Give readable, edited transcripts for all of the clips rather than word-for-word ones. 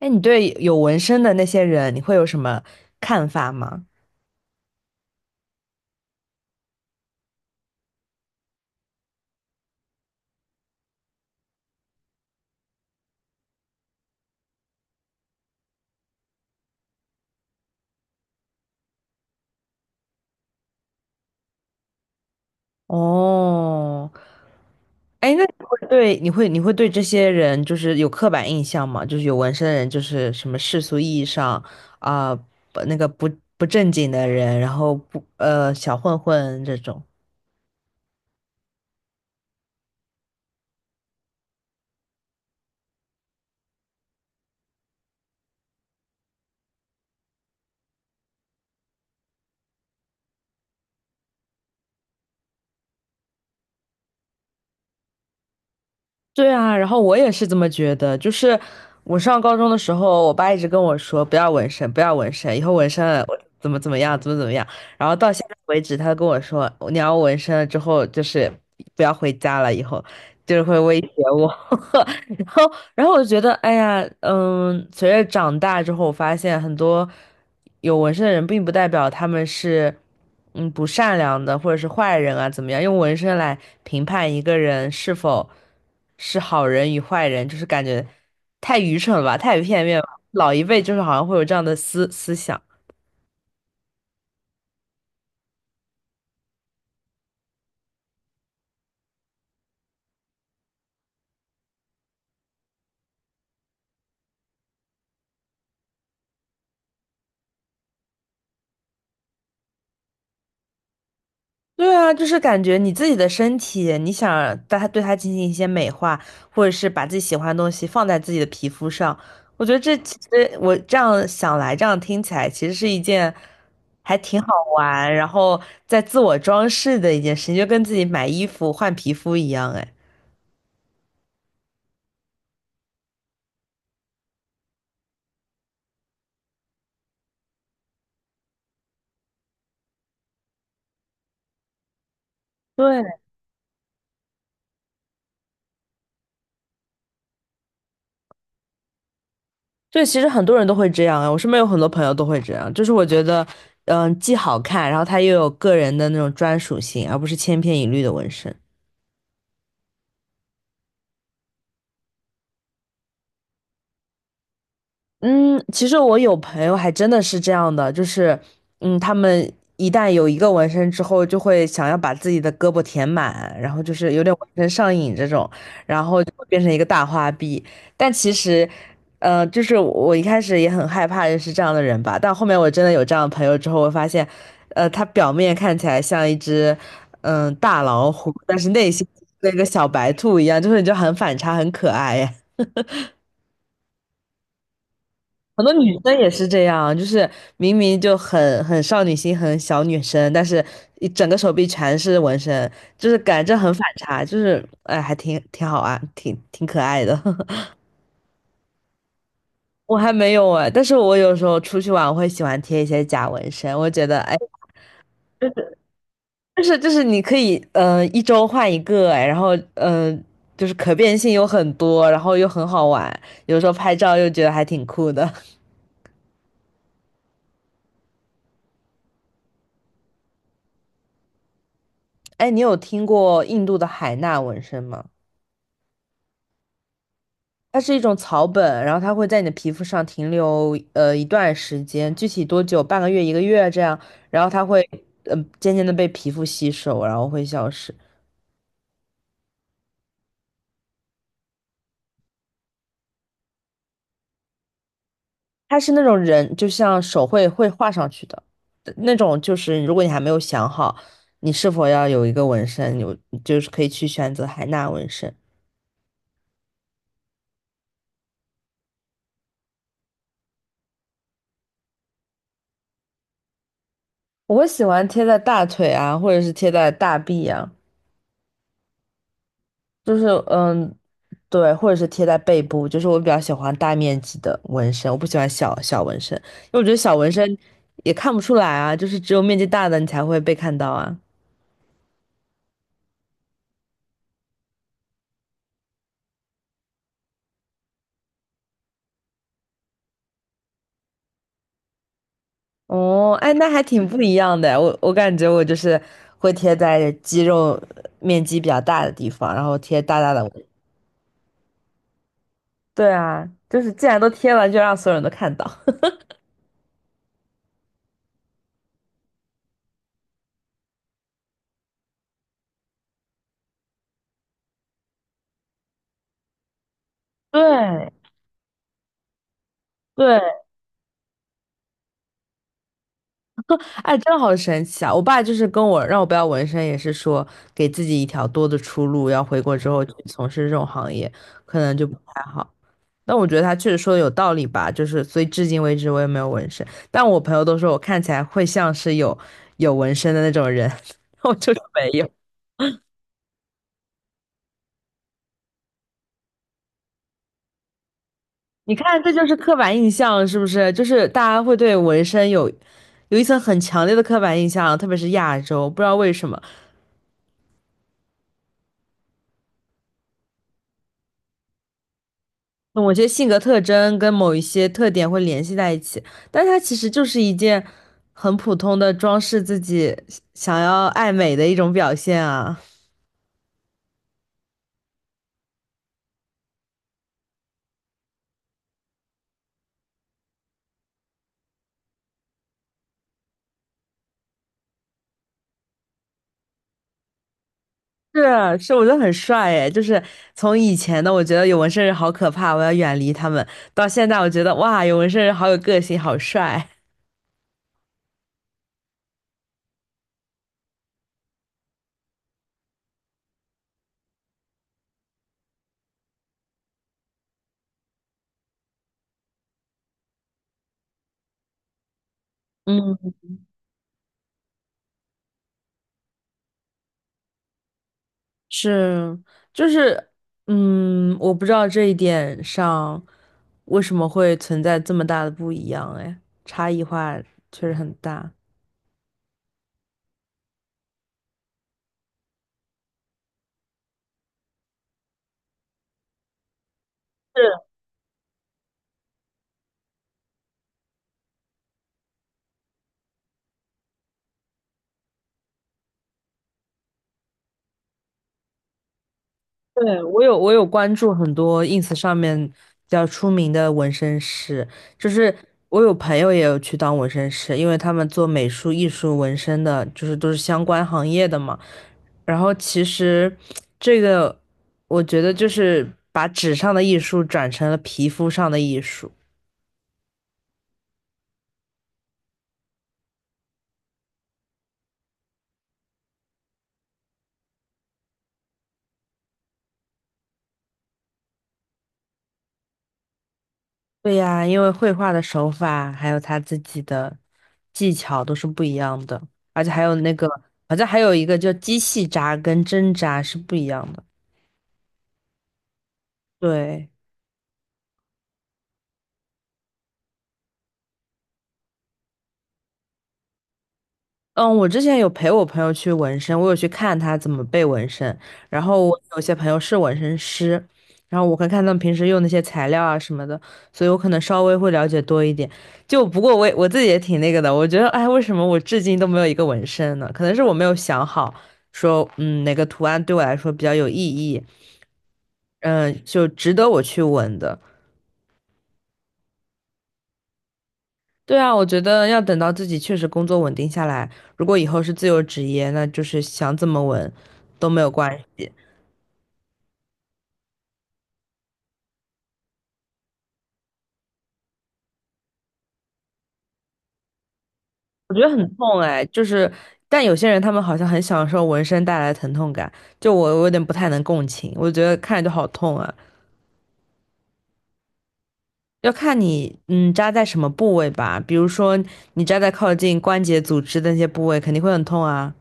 哎，你对有纹身的那些人，你会有什么看法吗？哦，哎，那你会对你会对这些人就是有刻板印象吗？就是有纹身的人，就是什么世俗意义上啊，不那个不不正经的人，然后不呃小混混这种。对啊，然后我也是这么觉得。就是我上高中的时候，我爸一直跟我说不要纹身，不要纹身，以后纹身了我怎么怎么样，怎么怎么样。然后到现在为止，他跟我说你要纹身了之后，就是不要回家了，以后就是会威胁我。然后，然后我就觉得，哎呀，嗯，随着长大之后，我发现很多有纹身的人，并不代表他们是嗯不善良的或者是坏人啊，怎么样？用纹身来评判一个人是否。是好人与坏人，就是感觉太愚蠢了吧，太片面了。老一辈就是好像会有这样的思想。对啊，就是感觉你自己的身体，你想对它进行一些美化，或者是把自己喜欢的东西放在自己的皮肤上，我觉得这其实我这样想来，这样听起来其实是一件还挺好玩，然后在自我装饰的一件事情，就跟自己买衣服换皮肤一样，哎。对。对，其实很多人都会这样啊，我身边有很多朋友都会这样，就是我觉得，嗯，既好看，然后它又有个人的那种专属性，而不是千篇一律的纹身。嗯，其实我有朋友还真的是这样的，就是，嗯，他们一旦有一个纹身之后，就会想要把自己的胳膊填满，然后就是有点纹身上瘾这种，然后就会变成一个大花臂。但其实，就是我一开始也很害怕认识这样的人吧，但后面我真的有这样的朋友之后，我发现，他表面看起来像一只，嗯、大老虎，但是内心跟个小白兔一样，就是你就很反差，很可爱。很多女生也是这样，就是明明就很少女心、很小女生，但是一整个手臂全是纹身，就是感觉很反差，就是哎，还挺好玩，挺可爱的。我还没有哎，但是我有时候出去玩，我会喜欢贴一些假纹身，我觉得哎，就是你可以嗯一周换一个哎，然后就是可变性有很多，然后又很好玩，有时候拍照又觉得还挺酷的。哎，你有听过印度的海纳纹身吗？它是一种草本，然后它会在你的皮肤上停留一段时间，具体多久？半个月、一个月这样，然后它会渐渐的被皮肤吸收，然后会消失。它是那种人，就像手绘会画上去的那种，就是如果你还没有想好你是否要有一个纹身，有就是可以去选择海纳纹身。我会喜欢贴在大腿啊，或者是贴在大臂啊。就是嗯，对，或者是贴在背部，就是我比较喜欢大面积的纹身，我不喜欢小小纹身，因为我觉得小纹身也看不出来啊，就是只有面积大的你才会被看到啊。哦，哎，那还挺不一样的，我感觉我就是会贴在肌肉面积比较大的地方，然后贴大大的纹。对啊，就是既然都贴了，就让所有人都看到。对对，哎，真的好神奇啊！我爸就是跟我让我不要纹身，也是说给自己一条多的出路，要回国之后去从事这种行业，可能就不太好。但我觉得他确实说的有道理吧，就是所以至今为止我也没有纹身，但我朋友都说我看起来会像是有纹身的那种人，我就是没有。你看，这就是刻板印象，是不是？就是大家会对纹身有一层很强烈的刻板印象，特别是亚洲，不知道为什么。某些性格特征跟某一些特点会联系在一起，但它其实就是一件很普通的装饰自己想要爱美的一种表现啊。是是，我觉得很帅诶，就是从以前的我觉得有纹身人好可怕，我要远离他们，到现在我觉得哇，有纹身人好有个性，好帅。嗯，是，就是，嗯，我不知道这一点上为什么会存在这么大的不一样，哎，差异化确实很大。对，我有关注很多 ins 上面比较出名的纹身师，就是我有朋友也有去当纹身师，因为他们做美术、艺术、纹身的，就是都是相关行业的嘛。然后其实这个，我觉得就是把纸上的艺术转成了皮肤上的艺术。对呀，因为绘画的手法还有他自己的技巧都是不一样的，而且还有那个，好像还有一个叫机器扎跟针扎是不一样的。对，嗯，我之前有陪我朋友去纹身，我有去看他怎么被纹身，然后我有些朋友是纹身师，然后我看看他们平时用那些材料啊什么的，所以我可能稍微会了解多一点。就不过我自己也挺那个的，我觉得哎，为什么我至今都没有一个纹身呢？可能是我没有想好说，嗯，哪个图案对我来说比较有意义，嗯，就值得我去纹的。对啊，我觉得要等到自己确实工作稳定下来，如果以后是自由职业，那就是想怎么稳都没有关系。我觉得很痛哎，就是，但有些人他们好像很享受纹身带来的疼痛感，就我有点不太能共情，我觉得看着就好痛啊。要看你嗯扎在什么部位吧，比如说你扎在靠近关节组织的那些部位，肯定会很痛啊。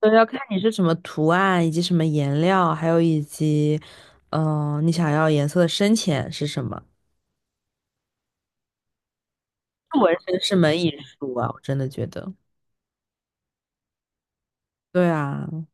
对，要看你是什么图案，以及什么颜料，还有以及，嗯、你想要颜色的深浅是什么。纹身是门艺术啊，我真的觉得。对啊，